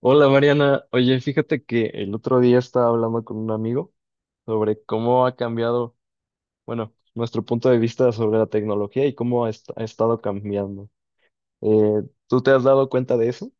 Hola Mariana, oye, fíjate que el otro día estaba hablando con un amigo sobre cómo ha cambiado, bueno, nuestro punto de vista sobre la tecnología y cómo ha, ha estado cambiando. ¿Tú te has dado cuenta de eso?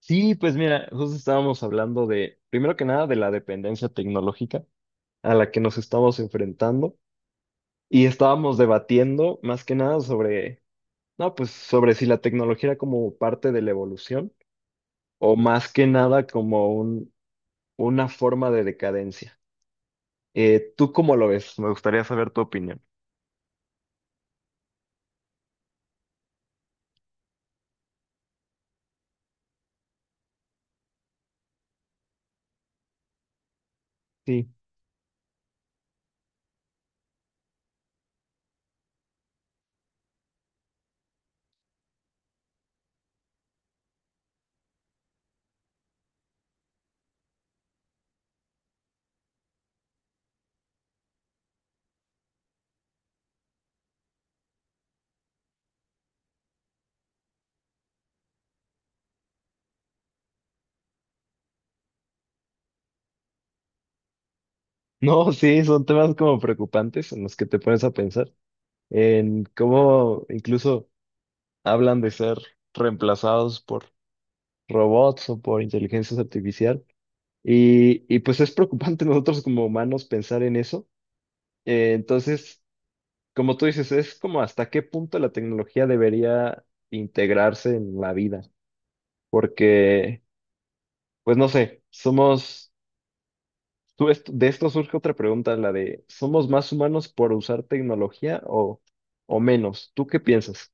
Sí, pues mira, justo estábamos hablando de, primero que nada, de la dependencia tecnológica a la que nos estamos enfrentando y estábamos debatiendo más que nada sobre, no, pues sobre si la tecnología era como parte de la evolución o más que nada como un, una forma de decadencia. ¿Tú cómo lo ves? Me gustaría saber tu opinión. Sí. No, sí, son temas como preocupantes en los que te pones a pensar, en cómo incluso hablan de ser reemplazados por robots o por inteligencia artificial. Y pues es preocupante nosotros como humanos pensar en eso. Entonces, como tú dices, es como hasta qué punto la tecnología debería integrarse en la vida, porque, pues no sé, somos... Tú de esto surge otra pregunta, la de, ¿somos más humanos por usar tecnología o menos? ¿Tú qué piensas?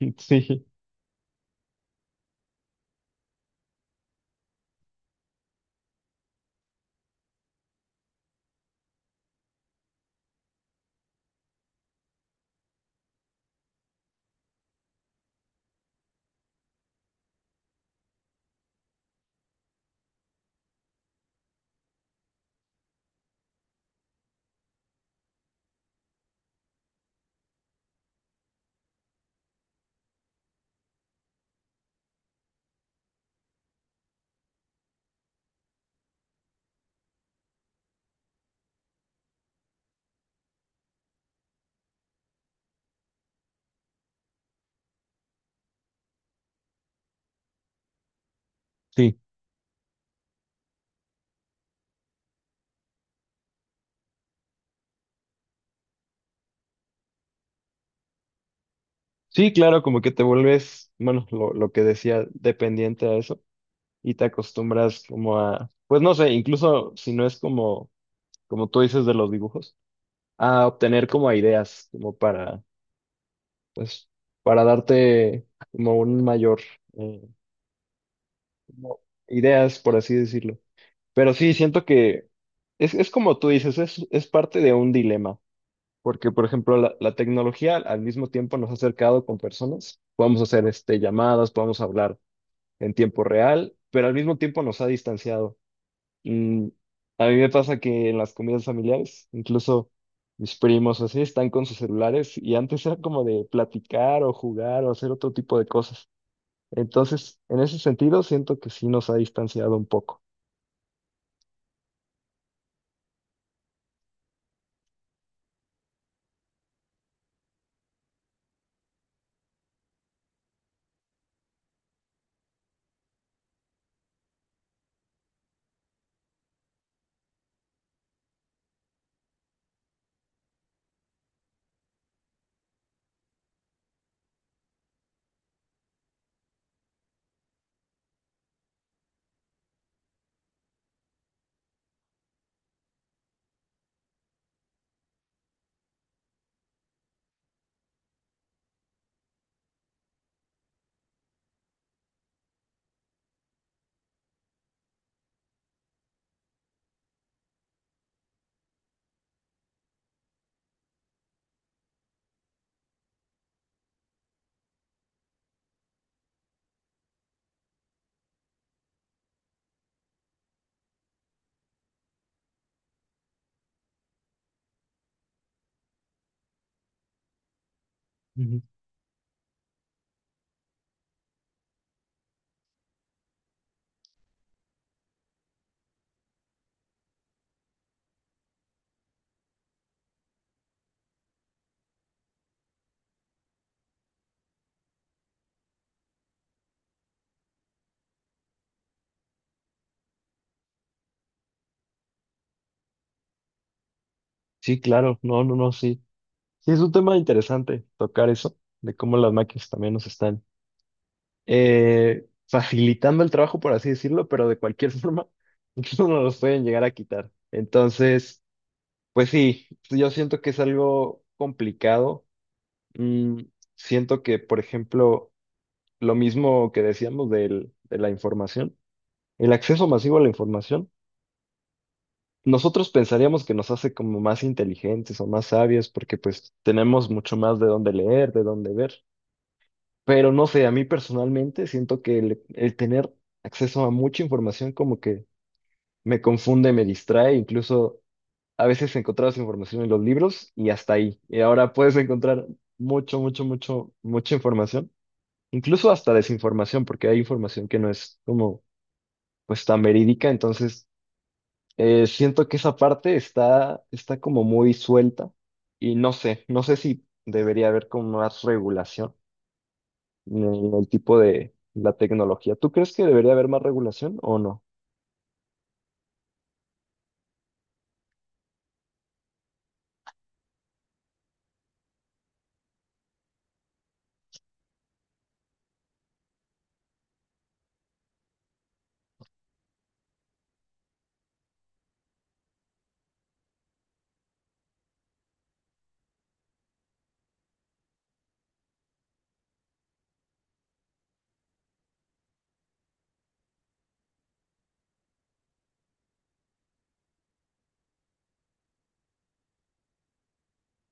Sí, sí. Sí, claro, como que te vuelves, bueno, lo que decía, dependiente a eso y te acostumbras como a, pues no sé, incluso si no es como, como tú dices de los dibujos, a obtener como ideas, como para, pues, para darte como un mayor, eh, como ideas, por así decirlo. Pero sí, siento que es como tú dices, es parte de un dilema, porque por ejemplo la tecnología al mismo tiempo nos ha acercado con personas, podemos hacer este, llamadas, podemos hablar en tiempo real, pero al mismo tiempo nos ha distanciado. Mm, a mí me pasa que en las comidas familiares, incluso mis primos o así están con sus celulares y antes era como de platicar o jugar o hacer otro tipo de cosas. Entonces, en ese sentido, siento que sí nos ha distanciado un poco. Ujú. Sí, claro, no, no, no, sí. Sí, es un tema interesante tocar eso, de cómo las máquinas también nos están facilitando el trabajo, por así decirlo, pero de cualquier forma, incluso nos los pueden llegar a quitar. Entonces, pues sí, yo siento que es algo complicado. Mm, siento que, por ejemplo, lo mismo que decíamos de la información, el acceso masivo a la información, nosotros pensaríamos que nos hace como más inteligentes o más sabios, porque pues tenemos mucho más de dónde leer, de dónde ver. Pero no sé, a mí personalmente siento que el tener acceso a mucha información como que me confunde, me distrae, incluso a veces encontrabas información en los libros y hasta ahí. Y ahora puedes encontrar mucho, mucho, mucho, mucha información, incluso hasta desinformación, porque hay información que no es como pues tan verídica, entonces siento que esa parte está, está como muy suelta y no sé, no sé si debería haber como más regulación en el tipo de la tecnología. ¿Tú crees que debería haber más regulación o no?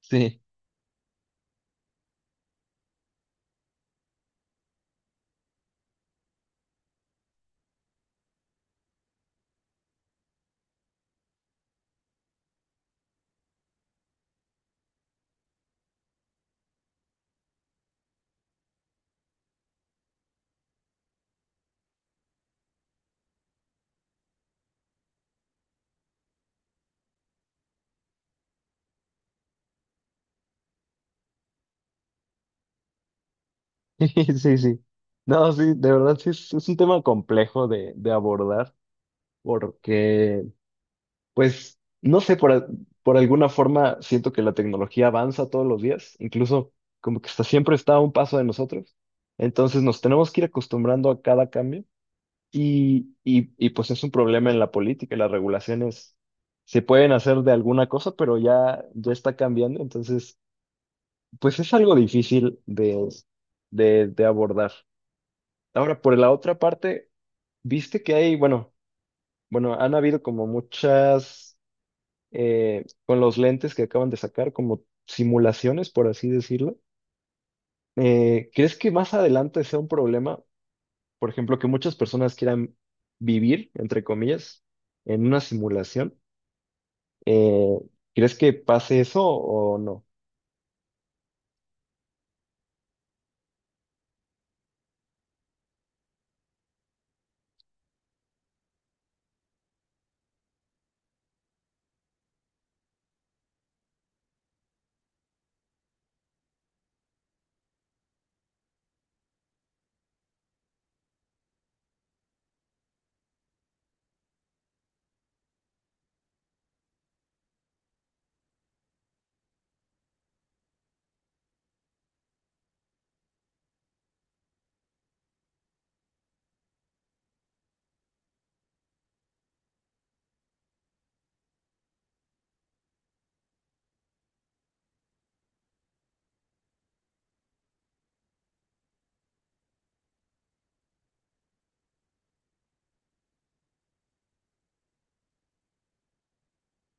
Sí, sí, sí. No, sí, de verdad sí es un tema complejo de abordar porque, pues, no sé, por, por alguna forma siento que la tecnología avanza todos los días, incluso como que está, siempre está a un paso de nosotros. Entonces nos tenemos que ir acostumbrando a cada cambio. Y pues es un problema en la política, las regulaciones se pueden hacer de alguna cosa, pero ya, ya está cambiando, entonces pues es algo difícil de abordar. Ahora, por la otra parte, viste que hay, bueno, bueno, han habido como muchas, con los lentes que acaban de sacar, como simulaciones, por así decirlo. ¿Crees que más adelante sea un problema, por ejemplo, que muchas personas quieran vivir, entre comillas, en una simulación? Eh, ¿Crees que pase eso o no?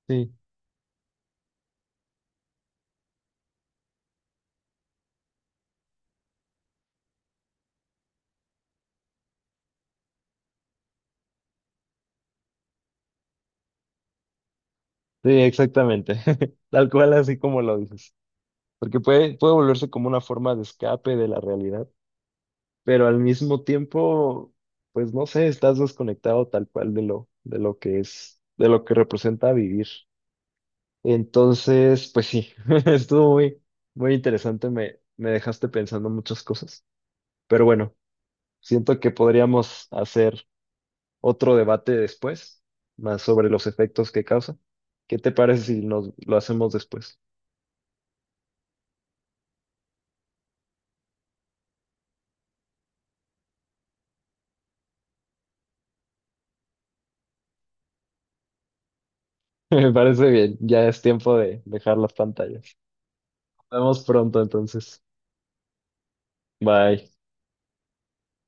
Sí, sí, exactamente. Tal cual, así como lo dices. Porque puede, puede volverse como una forma de escape de la realidad, pero al mismo tiempo, pues no sé, estás desconectado tal cual de lo que es, de lo que representa vivir. Entonces, pues sí, estuvo muy, muy interesante. Me dejaste pensando muchas cosas. Pero bueno, siento que podríamos hacer otro debate después, más sobre los efectos que causa. ¿Qué te parece si nos lo hacemos después? Me parece bien, ya es tiempo de dejar las pantallas. Nos vemos pronto entonces. Bye.